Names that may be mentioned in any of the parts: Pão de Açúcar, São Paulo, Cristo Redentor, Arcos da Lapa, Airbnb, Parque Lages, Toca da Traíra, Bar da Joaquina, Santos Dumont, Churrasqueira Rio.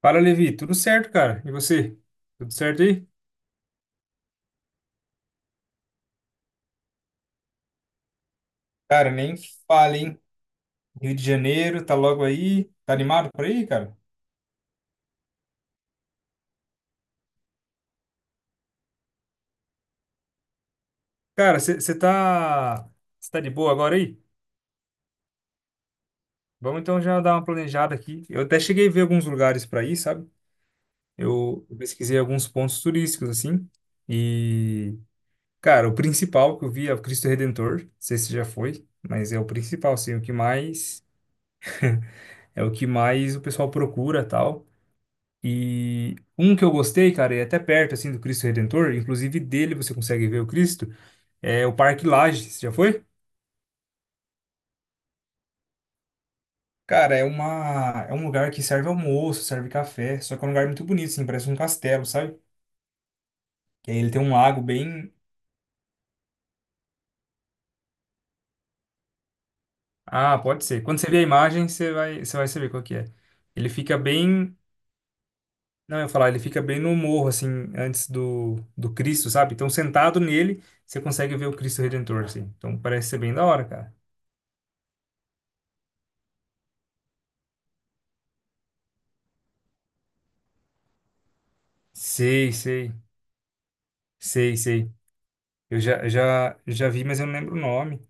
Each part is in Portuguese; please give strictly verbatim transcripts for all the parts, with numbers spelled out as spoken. Fala, Levi. Tudo certo, cara? E você? Tudo certo aí? Cara, nem fale, hein? Rio de Janeiro, tá logo aí. Tá animado por aí, cara? Cara, você tá, cê tá de boa agora aí? Vamos então já dar uma planejada aqui. Eu até cheguei a ver alguns lugares para ir, sabe? Eu eu pesquisei alguns pontos turísticos, assim. E, cara, o principal que eu vi é o Cristo Redentor. Não sei se já foi, mas é o principal, assim, o que mais... É o que mais o pessoal procura, tal. E um que eu gostei, cara, é até perto assim do Cristo Redentor, inclusive dele você consegue ver o Cristo, é o Parque Lages. Você já foi? Cara, é uma é um lugar que serve almoço, serve café, só que é um lugar muito bonito, assim, parece um castelo, sabe? Que aí ele tem um lago bem... Ah, pode ser. Quando você vê a imagem, você vai você vai saber qual que é. Ele fica bem, não, eu ia falar, ele fica bem no morro assim, antes do do Cristo, sabe? Então sentado nele, você consegue ver o Cristo Redentor, assim. Então parece ser bem da hora, cara. Sei, sei. Sei, sei. Eu já, eu já, já vi, mas eu não lembro o nome.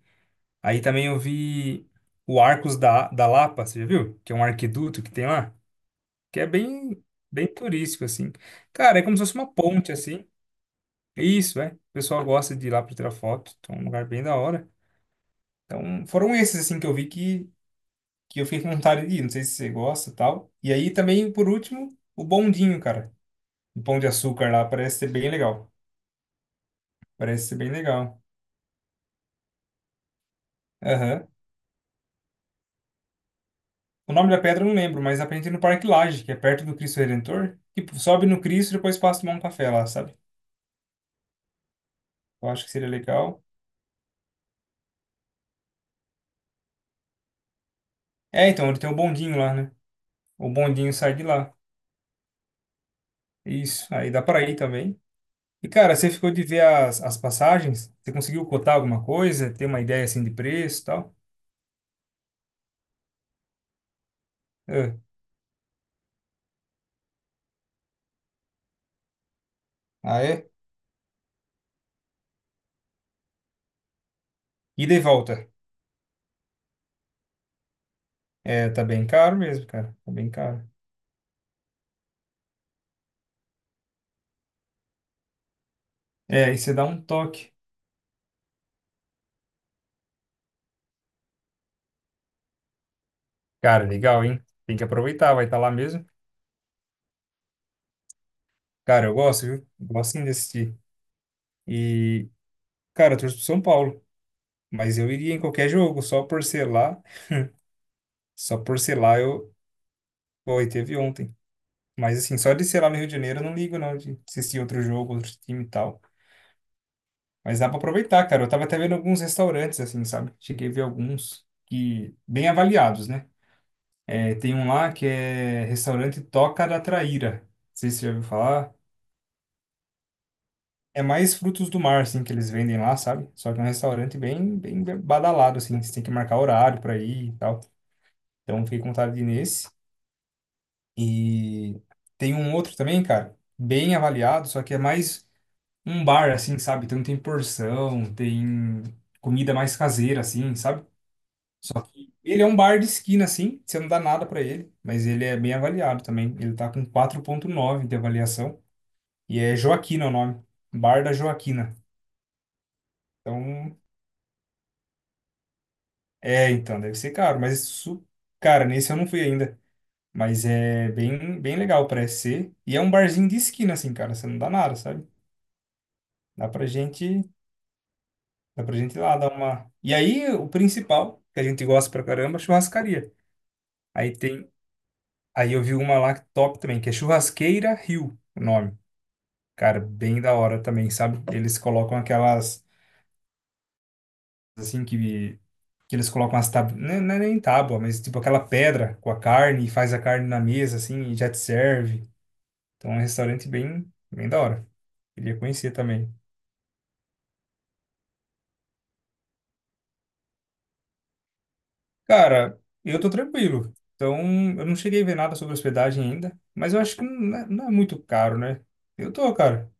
Aí também eu vi o Arcos da, da Lapa, você já viu? Que é um arquiduto que tem lá, que é bem, bem turístico, assim. Cara, é como se fosse uma ponte, assim. Isso, é. O pessoal gosta de ir lá para tirar foto, então é um lugar bem da hora. Então, foram esses, assim, que eu vi que, que eu fiquei com vontade de ir. Não sei se você gosta e tal. E aí também, por último, o bondinho, cara. O Pão de Açúcar lá parece ser bem legal. Parece ser bem legal. Aham. O nome da pedra eu não lembro, mas aprendi no Parque Lage, que é perto do Cristo Redentor. Tipo, sobe no Cristo e depois passa a tomar um café lá, sabe? Eu acho que seria legal. É, então, ele tem o bondinho lá, né? O bondinho sai de lá. Isso, aí dá pra ir também. E, cara, você ficou de ver as, as passagens? Você conseguiu cotar alguma coisa? Ter uma ideia, assim, de preço e tal? É. Ah, é? Ida e volta. É, tá bem caro mesmo, cara. Tá bem caro. É, e você dá um toque. Cara, legal, hein? Tem que aproveitar, vai estar lá mesmo. Cara, eu gosto, viu? Eu gosto sim de assistir. E, cara, eu torço pro São Paulo, mas eu iria em qualquer jogo, só por ser lá, só por ser lá eu, pô, e teve ontem. Mas assim, só de ser lá no Rio de Janeiro eu não ligo não, de assistir outro jogo, outro time e tal. Mas dá pra aproveitar, cara. Eu tava até vendo alguns restaurantes, assim, sabe? Cheguei a ver alguns que, bem avaliados, né? É, tem um lá que é restaurante Toca da Traíra. Não sei se você já ouviu falar. É mais frutos do mar, assim, que eles vendem lá, sabe? Só que é um restaurante bem, bem badalado, assim. Você tem que marcar horário pra ir e tal. Então, fiquei com vontade de ir nesse. E tem um outro também, cara, bem avaliado, só que é mais um bar, assim, sabe? Então tem porção, tem comida mais caseira, assim, sabe? Só que ele é um bar de esquina, assim, você não dá nada pra ele, mas ele é bem avaliado também. Ele tá com quatro ponto nove de avaliação e é Joaquina o nome, Bar da Joaquina. Então, é, então, deve ser caro, mas isso, cara, nesse eu não fui ainda. Mas é bem, bem legal, parece ser. E é um barzinho de esquina, assim, cara. Você não dá nada, sabe? Dá pra gente, dá pra gente ir lá dar uma. E aí, o principal, que a gente gosta pra caramba, é churrascaria. Aí tem, aí eu vi uma lá que top também, que é Churrasqueira Rio, o nome. Cara, bem da hora também, sabe? Eles colocam aquelas assim que que eles colocam as tábuas, não é não é nem tábua, mas tipo aquela pedra com a carne e faz a carne na mesa assim e já te serve. Então é um restaurante bem, bem da hora. Queria conhecer também. Cara, eu tô tranquilo. Então, eu não cheguei a ver nada sobre hospedagem ainda, mas eu acho que não é, não é muito caro, né? Eu tô, cara.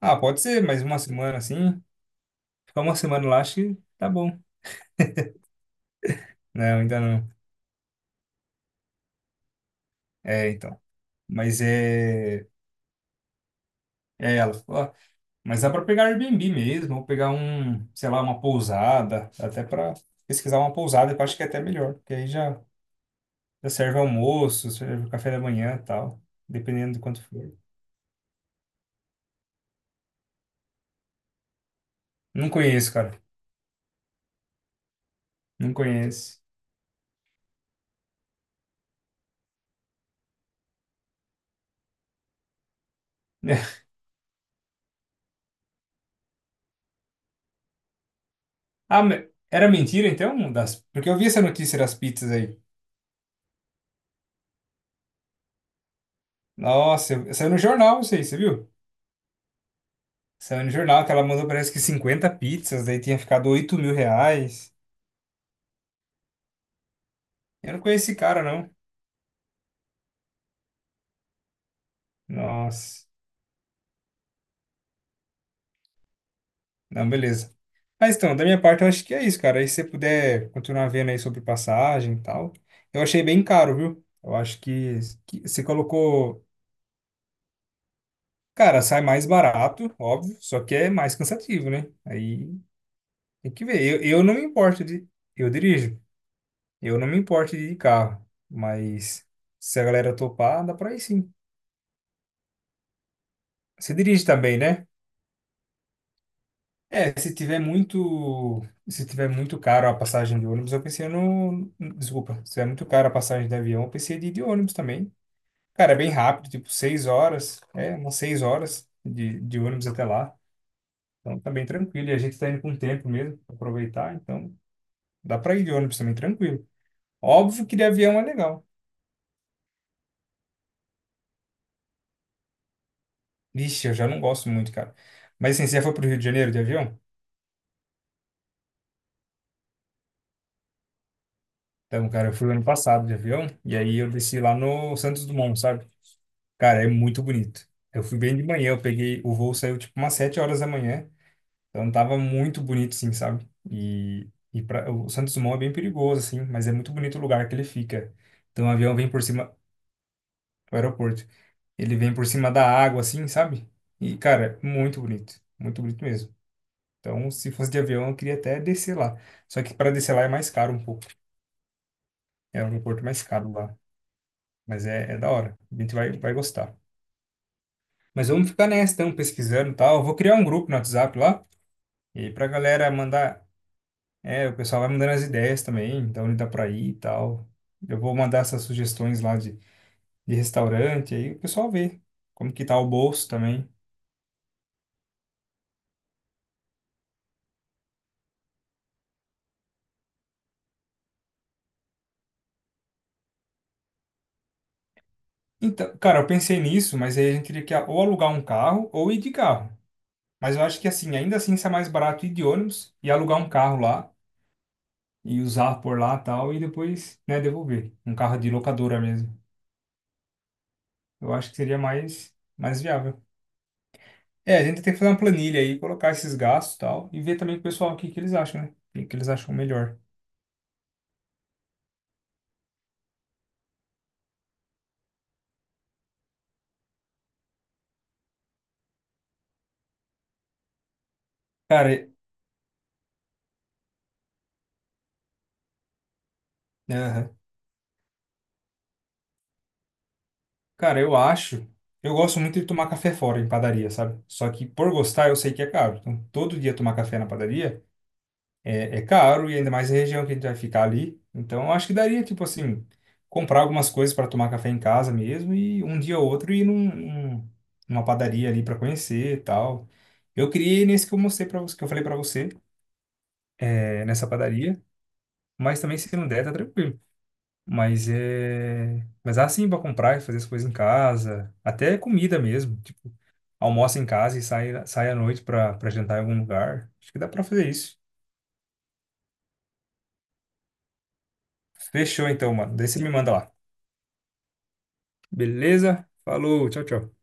Ah, pode ser, mais uma semana assim. Ficar uma semana lá, acho que tá bom. Não, ainda não. É, então. Mas é. É ela. Falou, ó, mas dá pra pegar Airbnb mesmo, ou pegar um, sei lá, uma pousada. Dá até pra pesquisar uma pousada, que eu acho que é até melhor. Porque aí já, já serve almoço, serve café da manhã e tal. Dependendo de quanto for. Não conheço, cara. Não conheço. Ah, me- era mentira então? Das... Porque eu vi essa notícia das pizzas aí. Nossa, eu- saiu no jornal isso aí, você viu? Saiu no jornal que ela mandou parece que cinquenta pizzas, daí tinha ficado oito mil reais. Eu não conheci esse cara, não. Nossa. Não, beleza. Mas então, da minha parte eu acho que é isso, cara. Aí se você puder continuar vendo aí sobre passagem e tal. Eu achei bem caro, viu? Eu acho que, que você colocou. Cara, sai mais barato, óbvio, só que é mais cansativo, né? Aí tem que ver. Eu, eu não me importo de. Eu dirijo. Eu não me importo de ir de carro, mas se a galera topar, dá pra ir sim. Você dirige também, né? É, se tiver muito, se tiver muito caro a passagem de ônibus, eu pensei no, desculpa, se tiver muito caro a passagem de avião, eu pensei de ir de ônibus também. Cara, é bem rápido, tipo seis horas, é, umas seis horas de, de ônibus até lá. Então tá bem tranquilo, e a gente tá indo com tempo mesmo, pra aproveitar, então dá pra ir de ônibus também, tranquilo. Óbvio que de avião é legal. Vixe, eu já não gosto muito, cara. Mas assim, você já foi pro Rio de Janeiro de avião? Então, cara, eu fui ano passado de avião, e aí eu desci lá no Santos Dumont, sabe? Cara, é muito bonito. Eu fui bem de manhã, eu peguei, o voo saiu tipo umas sete horas da manhã, então tava muito bonito, sim, sabe? E, e pra, o Santos Dumont é bem perigoso, assim, mas é muito bonito o lugar que ele fica. Então o avião vem por cima, o aeroporto, ele vem por cima da água, assim, sabe? E, cara, muito bonito, muito bonito mesmo. Então, se fosse de avião, eu queria até descer lá. Só que para descer lá é mais caro um pouco. É um aeroporto mais caro lá. Mas é, é da hora. A gente vai, vai gostar. Mas vamos ficar nessa, então, pesquisando e tal. Eu vou criar um grupo no WhatsApp lá. E aí pra galera mandar. É, o pessoal vai mandando as ideias também, então ele dá pra ir e tal. Eu vou mandar essas sugestões lá de, de restaurante, aí o pessoal vê como que tá o bolso também. Então, cara, eu pensei nisso, mas aí a gente teria que ou alugar um carro ou ir de carro. Mas eu acho que assim, ainda assim isso é mais barato ir de ônibus e alugar um carro lá e usar por lá e tal, e depois, né, devolver. Um carro de locadora mesmo. Eu acho que seria mais, mais viável. É, a gente tem que fazer uma planilha aí, colocar esses gastos e tal, e ver também com o pessoal o que que eles acham, né? O que que eles acham melhor. Cara, é- aham. Cara, eu acho. Eu gosto muito de tomar café fora em padaria, sabe? Só que por gostar, eu sei que é caro. Então, todo dia tomar café na padaria. É, é caro e ainda mais a região que a gente vai ficar ali. Então, eu acho que daria, tipo assim, comprar algumas coisas para tomar café em casa mesmo e um dia ou outro ir num, num- numa padaria ali para conhecer e tal. Eu queria ir nesse que eu mostrei para você, que eu falei para você, é, nessa padaria, mas também se não der, tá tranquilo. Mas é, mas dá sim para comprar e fazer as coisas em casa, até comida mesmo, tipo, almoça em casa e sai sai à noite para para jantar em algum lugar. Acho que dá para fazer isso. Fechou então, mano. Daí você me manda lá. Beleza? Falou, tchau, tchau.